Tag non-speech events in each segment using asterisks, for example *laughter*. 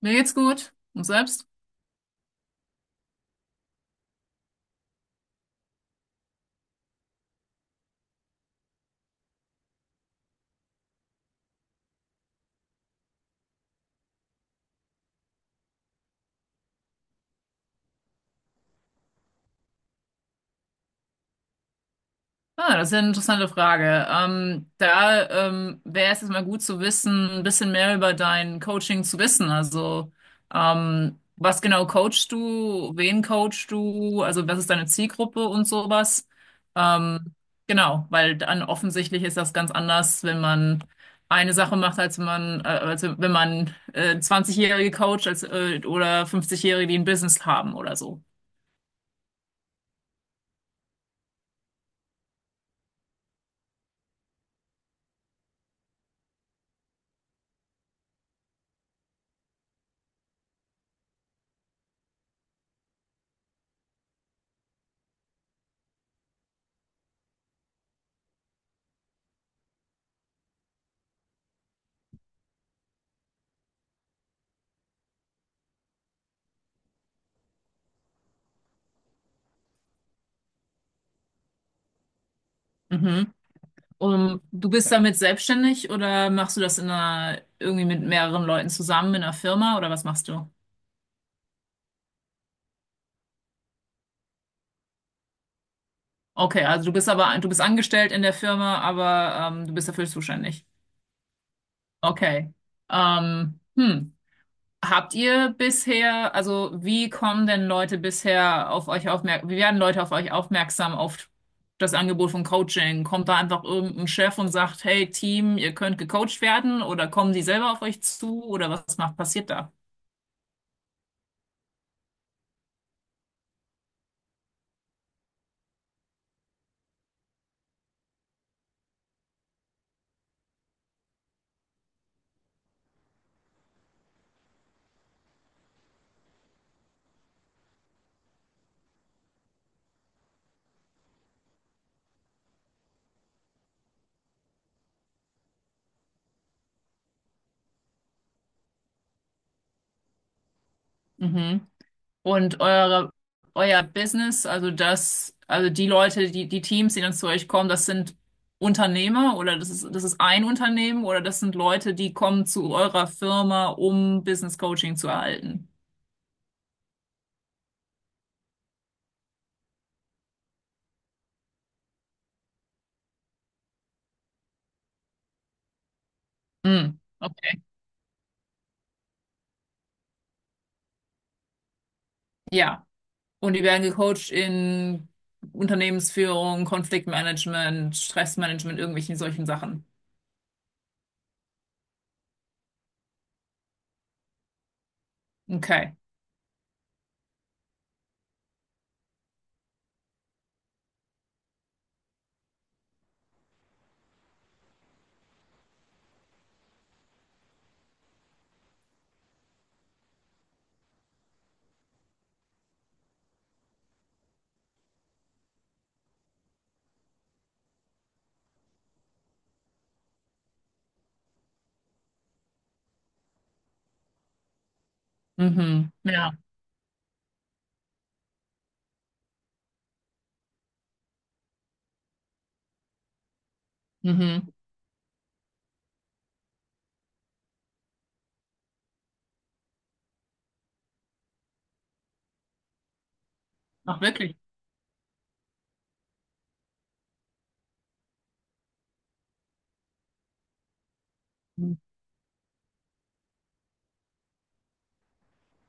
Mir geht's gut. Und selbst? Ah, das ist ja eine interessante Frage. Da wäre es jetzt mal gut zu wissen, ein bisschen mehr über dein Coaching zu wissen. Also, was genau coachst du? Wen coachst du? Also, was ist deine Zielgruppe und sowas? Ähm, genau, weil dann offensichtlich ist das ganz anders, wenn man eine Sache macht, als wenn man 20-Jährige coacht als, oder 50-Jährige, die ein Business haben oder so. Mhm. Du bist damit selbstständig oder machst du das in einer, irgendwie mit mehreren Leuten zusammen in einer Firma oder was machst du? Okay, also du bist aber, du bist angestellt in der Firma, aber du bist dafür zuständig. Okay. Hm. Habt ihr bisher, also wie kommen denn Leute bisher auf euch aufmerksam, wie werden Leute auf euch aufmerksam auf das Angebot von Coaching? Kommt da einfach irgendein Chef und sagt, hey Team, ihr könnt gecoacht werden oder kommen die selber auf euch zu oder was macht, passiert da? Mhm. Und eure, euer Business, also das, also die Leute, die, die Teams, die dann zu euch kommen, das sind Unternehmer oder das ist ein Unternehmen oder das sind Leute, die kommen zu eurer Firma, um Business Coaching zu erhalten. Hm, okay. Ja. Und die werden gecoacht in Unternehmensführung, Konfliktmanagement, Stressmanagement, irgendwelchen solchen Sachen. Okay. Mhm. Ja. Mhm. Ach, wirklich.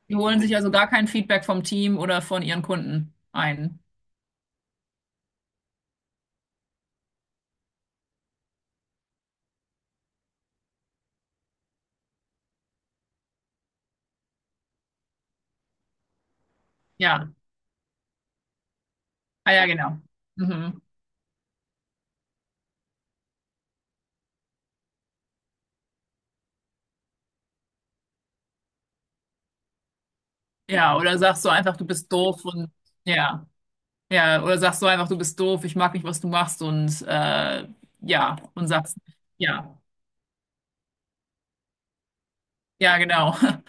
Die holen sich also gar kein Feedback vom Team oder von ihren Kunden ein. Ja, ah ja, genau. Mhm. Ja, oder sagst du einfach, du bist doof und ja, ja, oder sagst du einfach, du bist doof, ich mag nicht, was du machst und ja, und sagst, ja, ja, genau. *laughs*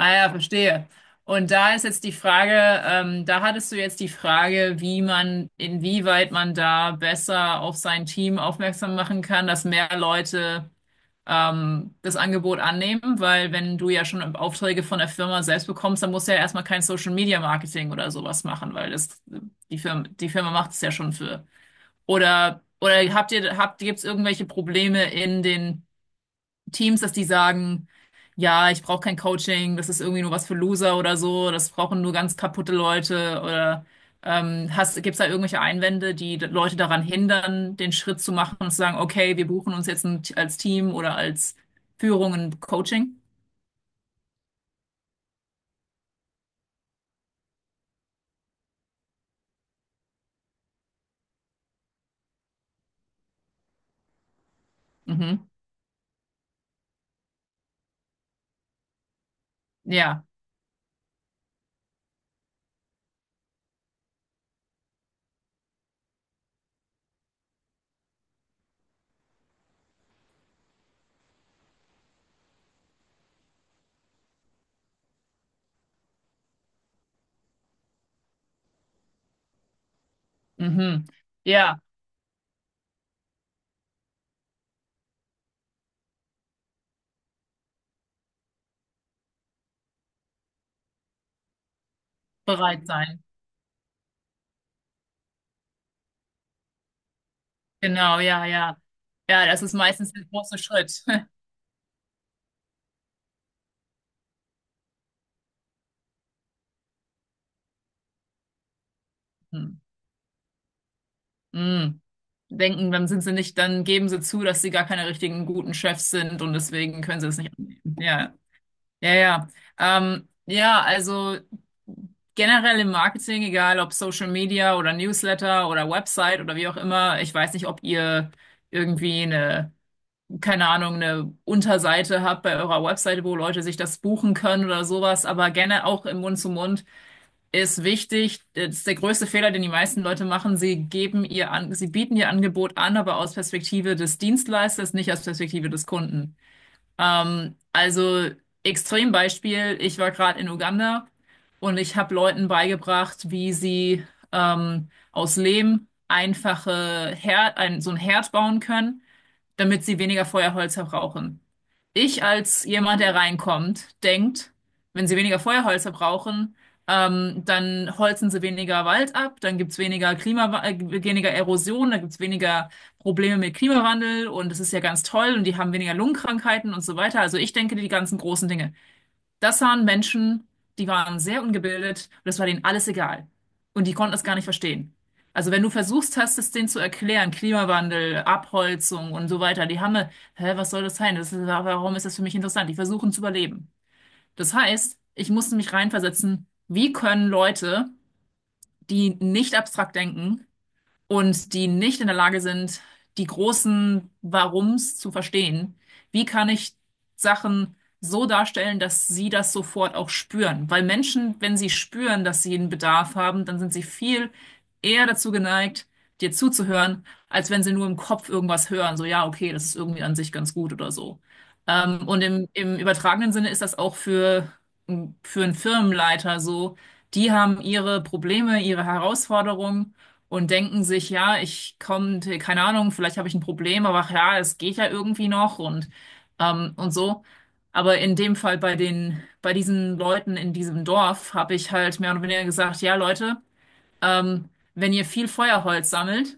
Ah ja, verstehe. Und da ist jetzt die Frage, da hattest du jetzt die Frage, wie man, inwieweit man da besser auf sein Team aufmerksam machen kann, dass mehr Leute das Angebot annehmen, weil wenn du ja schon Aufträge von der Firma selbst bekommst, dann musst du ja erstmal kein Social Media Marketing oder sowas machen, weil das die Firma macht es ja schon für. Oder habt ihr habt gibt's irgendwelche Probleme in den Teams, dass die sagen, ja, ich brauche kein Coaching, das ist irgendwie nur was für Loser oder so, das brauchen nur ganz kaputte Leute oder hast, gibt es da irgendwelche Einwände, die d- Leute daran hindern, den Schritt zu machen und zu sagen, okay, wir buchen uns jetzt ein, als Team oder als Führung ein Coaching? Mhm. Ja, mhm. Ja, bereit sein. Genau, ja, ja. Ja, das ist meistens der große Schritt. *laughs* Mm. Denken, dann sind sie nicht, dann geben sie zu, dass sie gar keine richtigen guten Chefs sind und deswegen können sie es nicht annehmen. Ja, ja, ja. Ja, also generell im Marketing, egal ob Social Media oder Newsletter oder Website oder wie auch immer, ich weiß nicht, ob ihr irgendwie eine, keine Ahnung, eine Unterseite habt bei eurer Website, wo Leute sich das buchen können oder sowas, aber gerne auch im Mund-zu-Mund ist wichtig. Das ist der größte Fehler, den die meisten Leute machen. Sie geben ihr an, sie bieten ihr Angebot an, aber aus Perspektive des Dienstleisters, nicht aus Perspektive des Kunden. Also Extrembeispiel, ich war gerade in Uganda und ich habe Leuten beigebracht, wie sie aus Lehm einfache Herd, ein, so ein Herd bauen können damit sie weniger Feuerholz verbrauchen. Ich als jemand, der reinkommt, denkt, wenn sie weniger Feuerholz verbrauchen, dann holzen sie weniger Wald ab, dann gibt's weniger Klima, weniger Erosion, dann gibt's weniger Probleme mit Klimawandel und es ist ja ganz toll und die haben weniger Lungenkrankheiten und so weiter. Also ich denke die ganzen großen Dinge. Das waren Menschen, die waren sehr ungebildet und das war denen alles egal. Und die konnten es gar nicht verstehen. Also wenn du versuchst hast, es denen zu erklären, Klimawandel, Abholzung und so weiter, die haben, eine, hä, was soll das sein? Das ist, warum ist das für mich interessant? Die versuchen zu überleben. Das heißt, ich musste mich reinversetzen, wie können Leute, die nicht abstrakt denken, und die nicht in der Lage sind, die großen Warums zu verstehen. Wie kann ich Sachen so darstellen, dass sie das sofort auch spüren? Weil Menschen, wenn sie spüren, dass sie einen Bedarf haben, dann sind sie viel eher dazu geneigt, dir zuzuhören, als wenn sie nur im Kopf irgendwas hören. So, ja, okay, das ist irgendwie an sich ganz gut oder so. Und im, im übertragenen Sinne ist das auch für einen Firmenleiter so. Die haben ihre Probleme, ihre Herausforderungen und denken sich, ja, ich komme, keine Ahnung, vielleicht habe ich ein Problem, aber ach ja, es geht ja irgendwie noch und so. Aber in dem Fall bei den, bei diesen Leuten in diesem Dorf habe ich halt mehr oder weniger gesagt, ja, Leute, ähm, wenn ihr viel Feuerholz sammelt,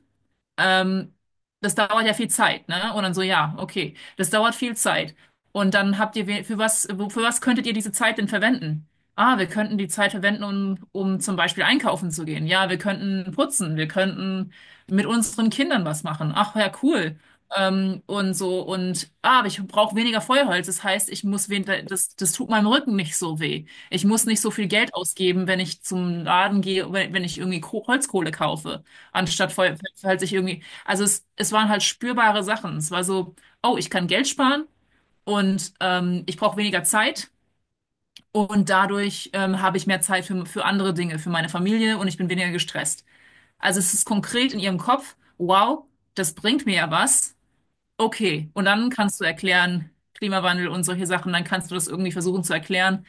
ähm, das dauert ja viel Zeit, ne? Und dann so, ja, okay, das dauert viel Zeit. Und dann habt ihr, we- für was, wo- für was könntet ihr diese Zeit denn verwenden? Ah, wir könnten die Zeit verwenden, um, um zum Beispiel einkaufen zu gehen. Ja, wir könnten putzen, wir könnten mit unseren Kindern was machen. Ach ja, cool. Und so, und ah, aber ich brauche weniger Feuerholz. Das heißt, ich muss wen das, das tut meinem Rücken nicht so weh. Ich muss nicht so viel Geld ausgeben, wenn ich zum Laden gehe, wenn, wenn ich irgendwie Ko Holzkohle kaufe. Anstatt voll, halt sich irgendwie, also es waren halt spürbare Sachen. Es war so, oh, ich kann Geld sparen und ich brauche weniger Zeit und dadurch habe ich mehr Zeit für andere Dinge, für meine Familie und ich bin weniger gestresst. Also es ist konkret in ihrem Kopf, wow, das bringt mir ja was. Okay, und dann kannst du erklären, Klimawandel und solche Sachen, dann kannst du das irgendwie versuchen zu erklären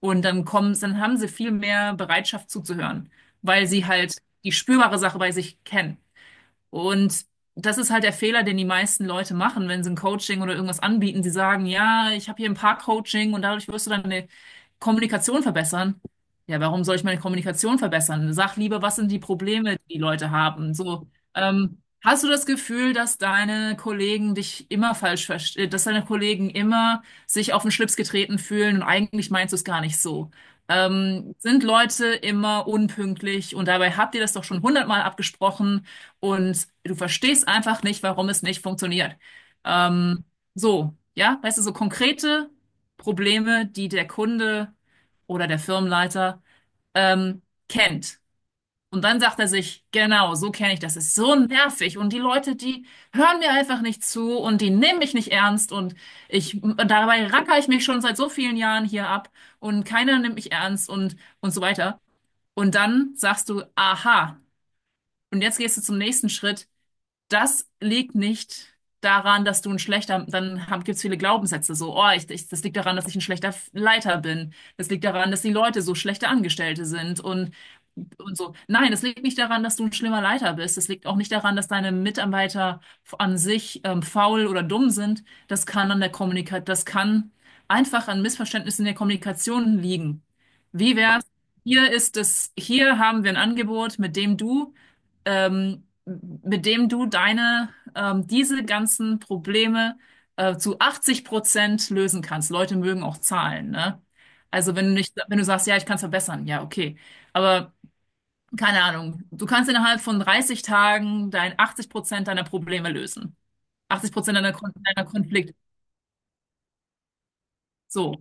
und dann kommen, dann haben sie viel mehr Bereitschaft zuzuhören, weil sie halt die spürbare Sache bei sich kennen. Und das ist halt der Fehler, den die meisten Leute machen, wenn sie ein Coaching oder irgendwas anbieten. Sie sagen, ja, ich habe hier ein Paar-Coaching und dadurch wirst du deine Kommunikation verbessern. Ja, warum soll ich meine Kommunikation verbessern? Sag lieber, was sind die Probleme, die die Leute haben? So, hast du das Gefühl, dass deine Kollegen dich immer falsch verstehen, dass deine Kollegen immer sich auf den Schlips getreten fühlen und eigentlich meinst du es gar nicht so? Sind Leute immer unpünktlich und dabei habt ihr das doch schon hundertmal abgesprochen? Und du verstehst einfach nicht, warum es nicht funktioniert. Ähm, so, ja, weißt du, so konkrete Probleme, die der Kunde oder der Firmenleiter ähm, kennt. Und dann sagt er sich, genau, so kenne ich das. Es ist so nervig. Und die Leute, die hören mir einfach nicht zu und die nehmen mich nicht ernst. Und ich, und dabei racker ich mich schon seit so vielen Jahren hier ab und keiner nimmt mich ernst und so weiter. Und dann sagst du, aha. Und jetzt gehst du zum nächsten Schritt. Das liegt nicht daran, dass du ein schlechter, dann haben, gibt's viele Glaubenssätze so, oh, ich, das liegt daran, dass ich ein schlechter Leiter bin. Das liegt daran, dass die Leute so schlechte Angestellte sind und so. Nein, das liegt nicht daran, dass du ein schlimmer Leiter bist. Das liegt auch nicht daran, dass deine Mitarbeiter an sich faul oder dumm sind. Das kann an der Kommunikation, das kann einfach an Missverständnissen in der Kommunikation liegen. Wie wär's? Hier ist es, hier haben wir ein Angebot, mit dem du deine, diese ganzen Probleme zu 80% lösen kannst. Leute mögen auch Zahlen, ne? Also wenn du nicht, wenn du sagst, ja, ich kann es verbessern, ja, okay. Aber keine Ahnung, du kannst innerhalb von 30 Tagen dein 80% deiner Probleme lösen. 80% deiner, Kon deiner Konflikte. So.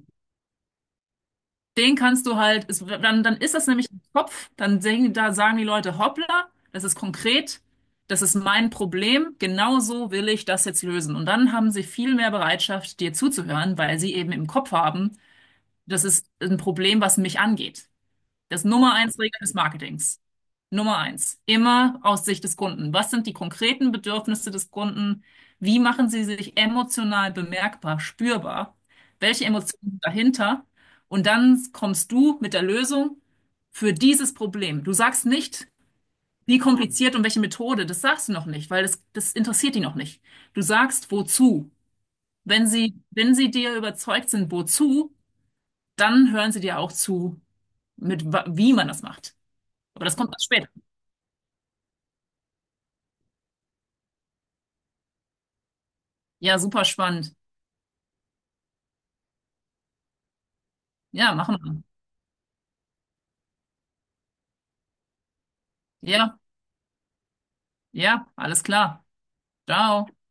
Den kannst du halt, es, dann, dann ist das nämlich im Kopf, dann sehen, da sagen die Leute, hoppla, das ist konkret, das ist mein Problem, genau so will ich das jetzt lösen. Und dann haben sie viel mehr Bereitschaft, dir zuzuhören, weil sie eben im Kopf haben, das ist ein Problem, was mich angeht. Das Nummer eins Regel des Marketings. Nummer eins, immer aus Sicht des Kunden. Was sind die konkreten Bedürfnisse des Kunden? Wie machen sie sich emotional bemerkbar, spürbar? Welche Emotionen sind dahinter? Und dann kommst du mit der Lösung für dieses Problem. Du sagst nicht, wie kompliziert und welche Methode, das sagst du noch nicht, weil das, das interessiert die noch nicht. Du sagst, wozu. Wenn sie, wenn sie dir überzeugt sind, wozu, dann hören sie dir auch zu, mit wa- wie man das macht. Aber das kommt erst später. Ja, super spannend. Ja, machen wir. Ja, ja, alles klar. Ciao.